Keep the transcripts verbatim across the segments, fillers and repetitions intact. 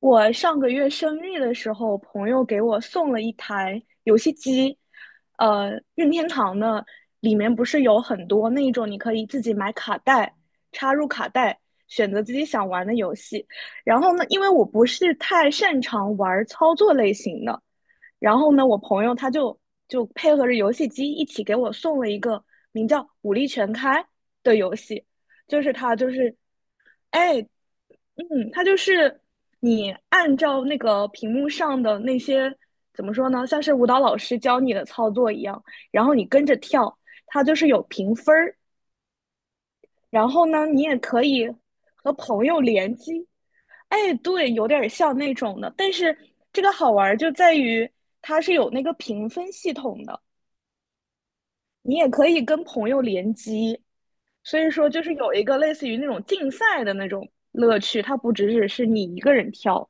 我上个月生日的时候，朋友给我送了一台游戏机，呃，任天堂的，里面不是有很多那种你可以自己买卡带，插入卡带，选择自己想玩的游戏。然后呢，因为我不是太擅长玩操作类型的，然后呢，我朋友他就就配合着游戏机一起给我送了一个名叫《武力全开》的游戏。就是它就是哎，嗯，它就是你按照那个屏幕上的那些怎么说呢，像是舞蹈老师教你的操作一样，然后你跟着跳，它就是有评分儿。然后呢，你也可以和朋友联机。哎，对，有点儿像那种的，但是这个好玩儿就在于它是有那个评分系统的，你也可以跟朋友联机，所以说就是有一个类似于那种竞赛的那种乐趣，它不只只是你一个人跳。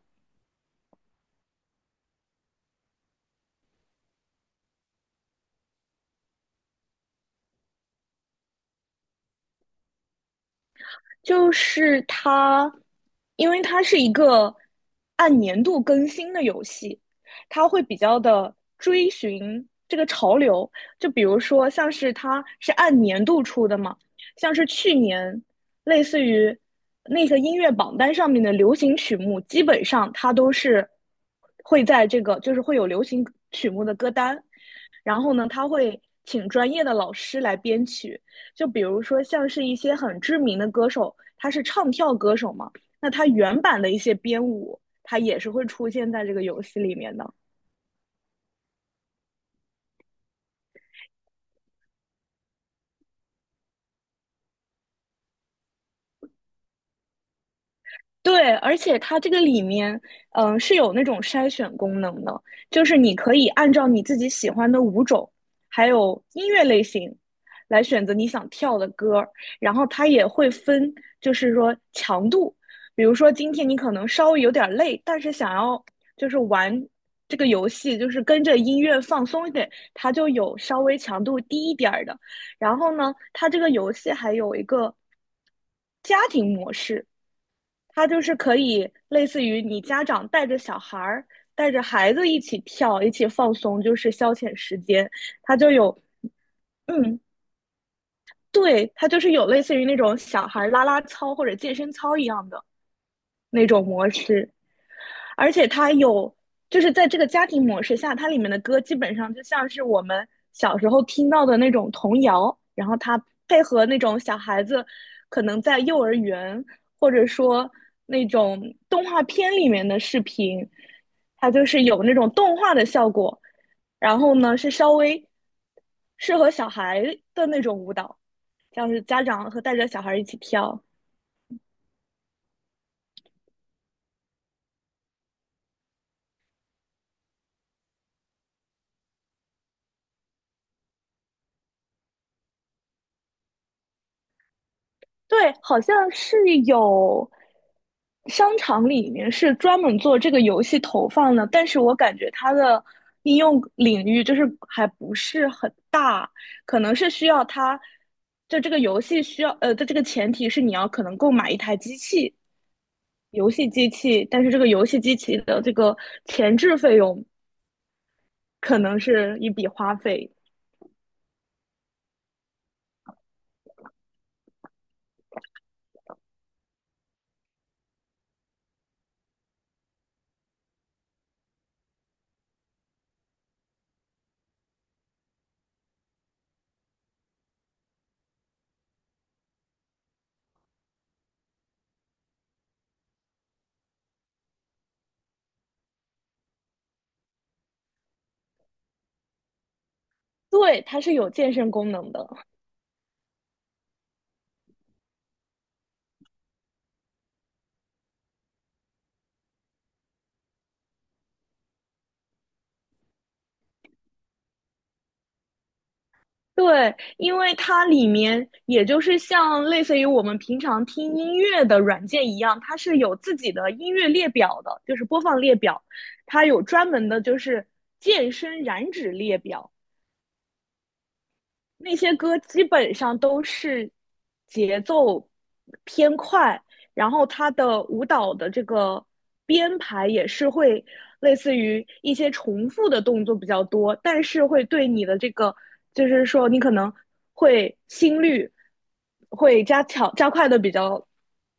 就是它，因为它是一个按年度更新的游戏，它会比较的追寻这个潮流。就比如说，像是它是按年度出的嘛，像是去年类似于那个音乐榜单上面的流行曲目，基本上它都是会在这个就是会有流行曲目的歌单，然后呢，它会请专业的老师来编曲。就比如说像是一些很知名的歌手，他是唱跳歌手嘛，那他原版的一些编舞，他也是会出现在这个游戏里面的。对，而且它这个里面，嗯、是有那种筛选功能的，就是你可以按照你自己喜欢的舞种，还有音乐类型，来选择你想跳的歌儿，然后它也会分，就是说强度，比如说今天你可能稍微有点累，但是想要就是玩这个游戏，就是跟着音乐放松一点，它就有稍微强度低一点儿的。然后呢，它这个游戏还有一个家庭模式，它就是可以类似于你家长带着小孩儿、带着孩子一起跳、一起放松，就是消遣时间。它就有，嗯，对，它就是有类似于那种小孩儿拉拉操或者健身操一样的那种模式。而且它有，就是在这个家庭模式下，它里面的歌基本上就像是我们小时候听到的那种童谣，然后它配合那种小孩子可能在幼儿园或者说那种动画片里面的视频，它就是有那种动画的效果，然后呢是稍微适合小孩的那种舞蹈，像是家长和带着小孩一起跳。对，好像是有商场里面是专门做这个游戏投放的，但是我感觉它的应用领域就是还不是很大，可能是需要它，就这个游戏需要，呃，的这个前提是你要可能购买一台机器，游戏机器，但是这个游戏机器的这个前置费用可能是一笔花费。对，它是有健身功能的。对，因为它里面也就是像类似于我们平常听音乐的软件一样，它是有自己的音乐列表的，就是播放列表，它有专门的就是健身燃脂列表，那些歌基本上都是节奏偏快，然后它的舞蹈的这个编排也是会类似于一些重复的动作比较多，但是会对你的这个，就是说你可能会心率会加强加快的比较，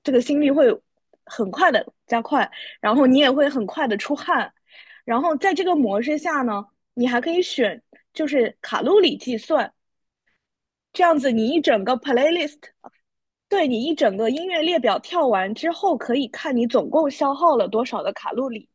这个心率会很快的加快，然后你也会很快的出汗，然后在这个模式下呢，你还可以选就是卡路里计算。这样子，你一整个 playlist,对你一整个音乐列表跳完之后，可以看你总共消耗了多少的卡路里。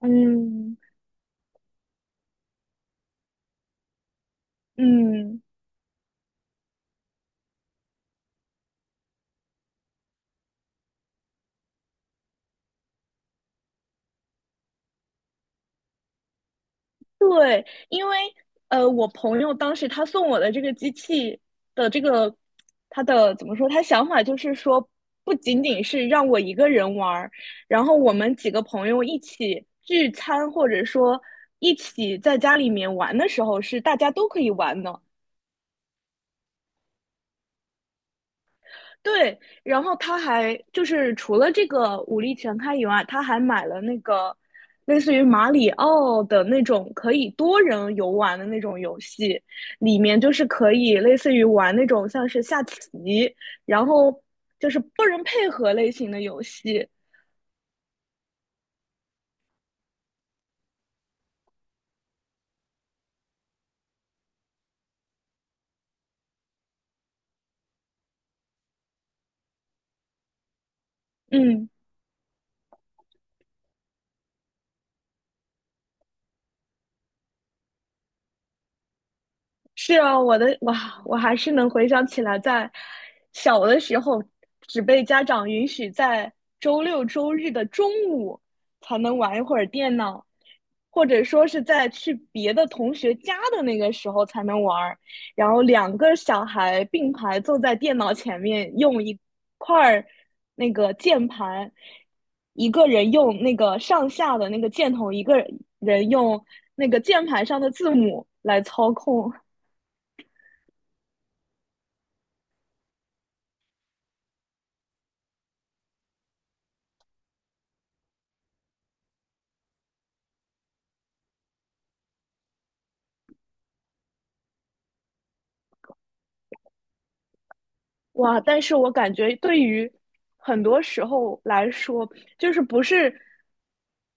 嗯嗯，对，因为呃，我朋友当时他送我的这个机器的这个，他的怎么说？他想法就是说，不仅仅是让我一个人玩儿，然后我们几个朋友一起聚餐，或者说一起在家里面玩的时候，是大家都可以玩的。对，然后他还就是除了这个武力全开以外，他还买了那个类似于马里奥的那种可以多人游玩的那种游戏，里面就是可以类似于玩那种像是下棋，然后就是多人配合类型的游戏。嗯，是啊，我的哇，我还是能回想起来，在小的时候，只被家长允许在周六周日的中午才能玩一会儿电脑，或者说是在去别的同学家的那个时候才能玩儿。然后两个小孩并排坐在电脑前面，用一块儿那个键盘，一个人用那个上下的那个箭头，一个人用那个键盘上的字母来操控。哇，但是我感觉对于很多时候来说，就是不是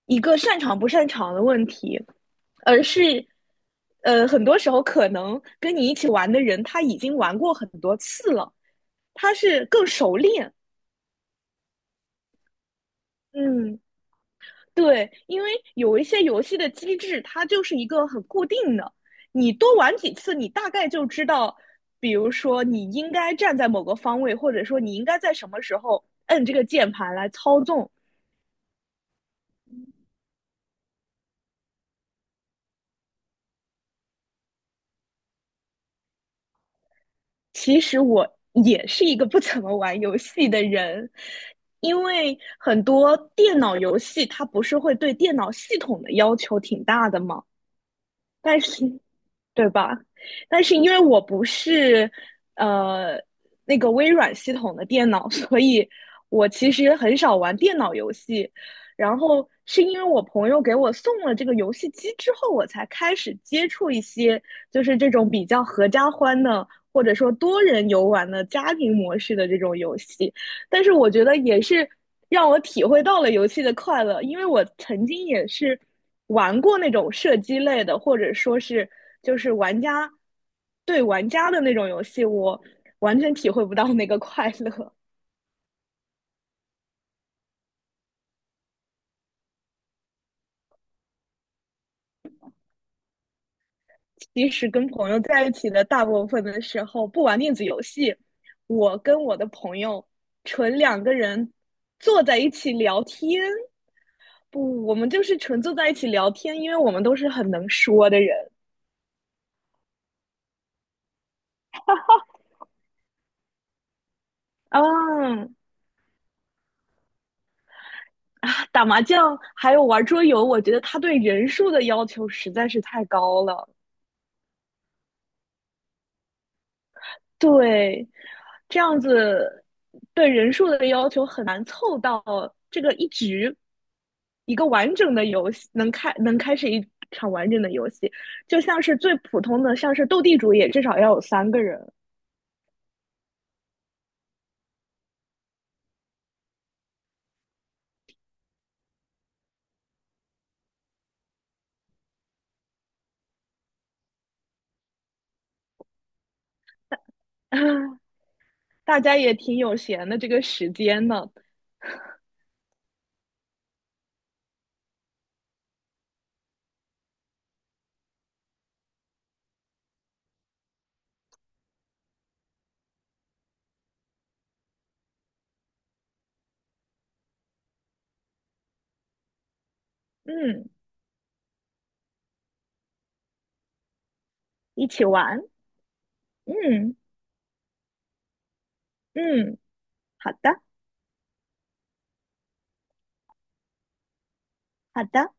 一个擅长不擅长的问题，而是，呃，很多时候可能跟你一起玩的人他已经玩过很多次了，他是更熟练。嗯对，因为有一些游戏的机制，它就是一个很固定的，你多玩几次，你大概就知道，比如说你应该站在某个方位，或者说你应该在什么时候摁这个键盘来操纵。其实我也是一个不怎么玩游戏的人，因为很多电脑游戏它不是会对电脑系统的要求挺大的嘛，但是对吧？但是因为我不是呃那个微软系统的电脑，所以我其实很少玩电脑游戏。然后是因为我朋友给我送了这个游戏机之后，我才开始接触一些就是这种比较合家欢的，或者说多人游玩的家庭模式的这种游戏。但是我觉得也是让我体会到了游戏的快乐，因为我曾经也是玩过那种射击类的，或者说是就是玩家对玩家的那种游戏，我完全体会不到那个快乐。其实跟朋友在一起的大部分的时候，不玩电子游戏，我跟我的朋友纯两个人坐在一起聊天。不，我们就是纯坐在一起聊天，因为我们都是很能说的人啊。啊，打麻将还有玩桌游，我觉得他对人数的要求实在是太高了。对，这样子对人数的要求很难凑到这个一局一个完整的游戏能开能开始一场完整的游戏，就像是最普通的，像是斗地主也至少要有三个人，大家也挺有闲的这个时间呢，嗯，一起玩，嗯嗯，好的好的。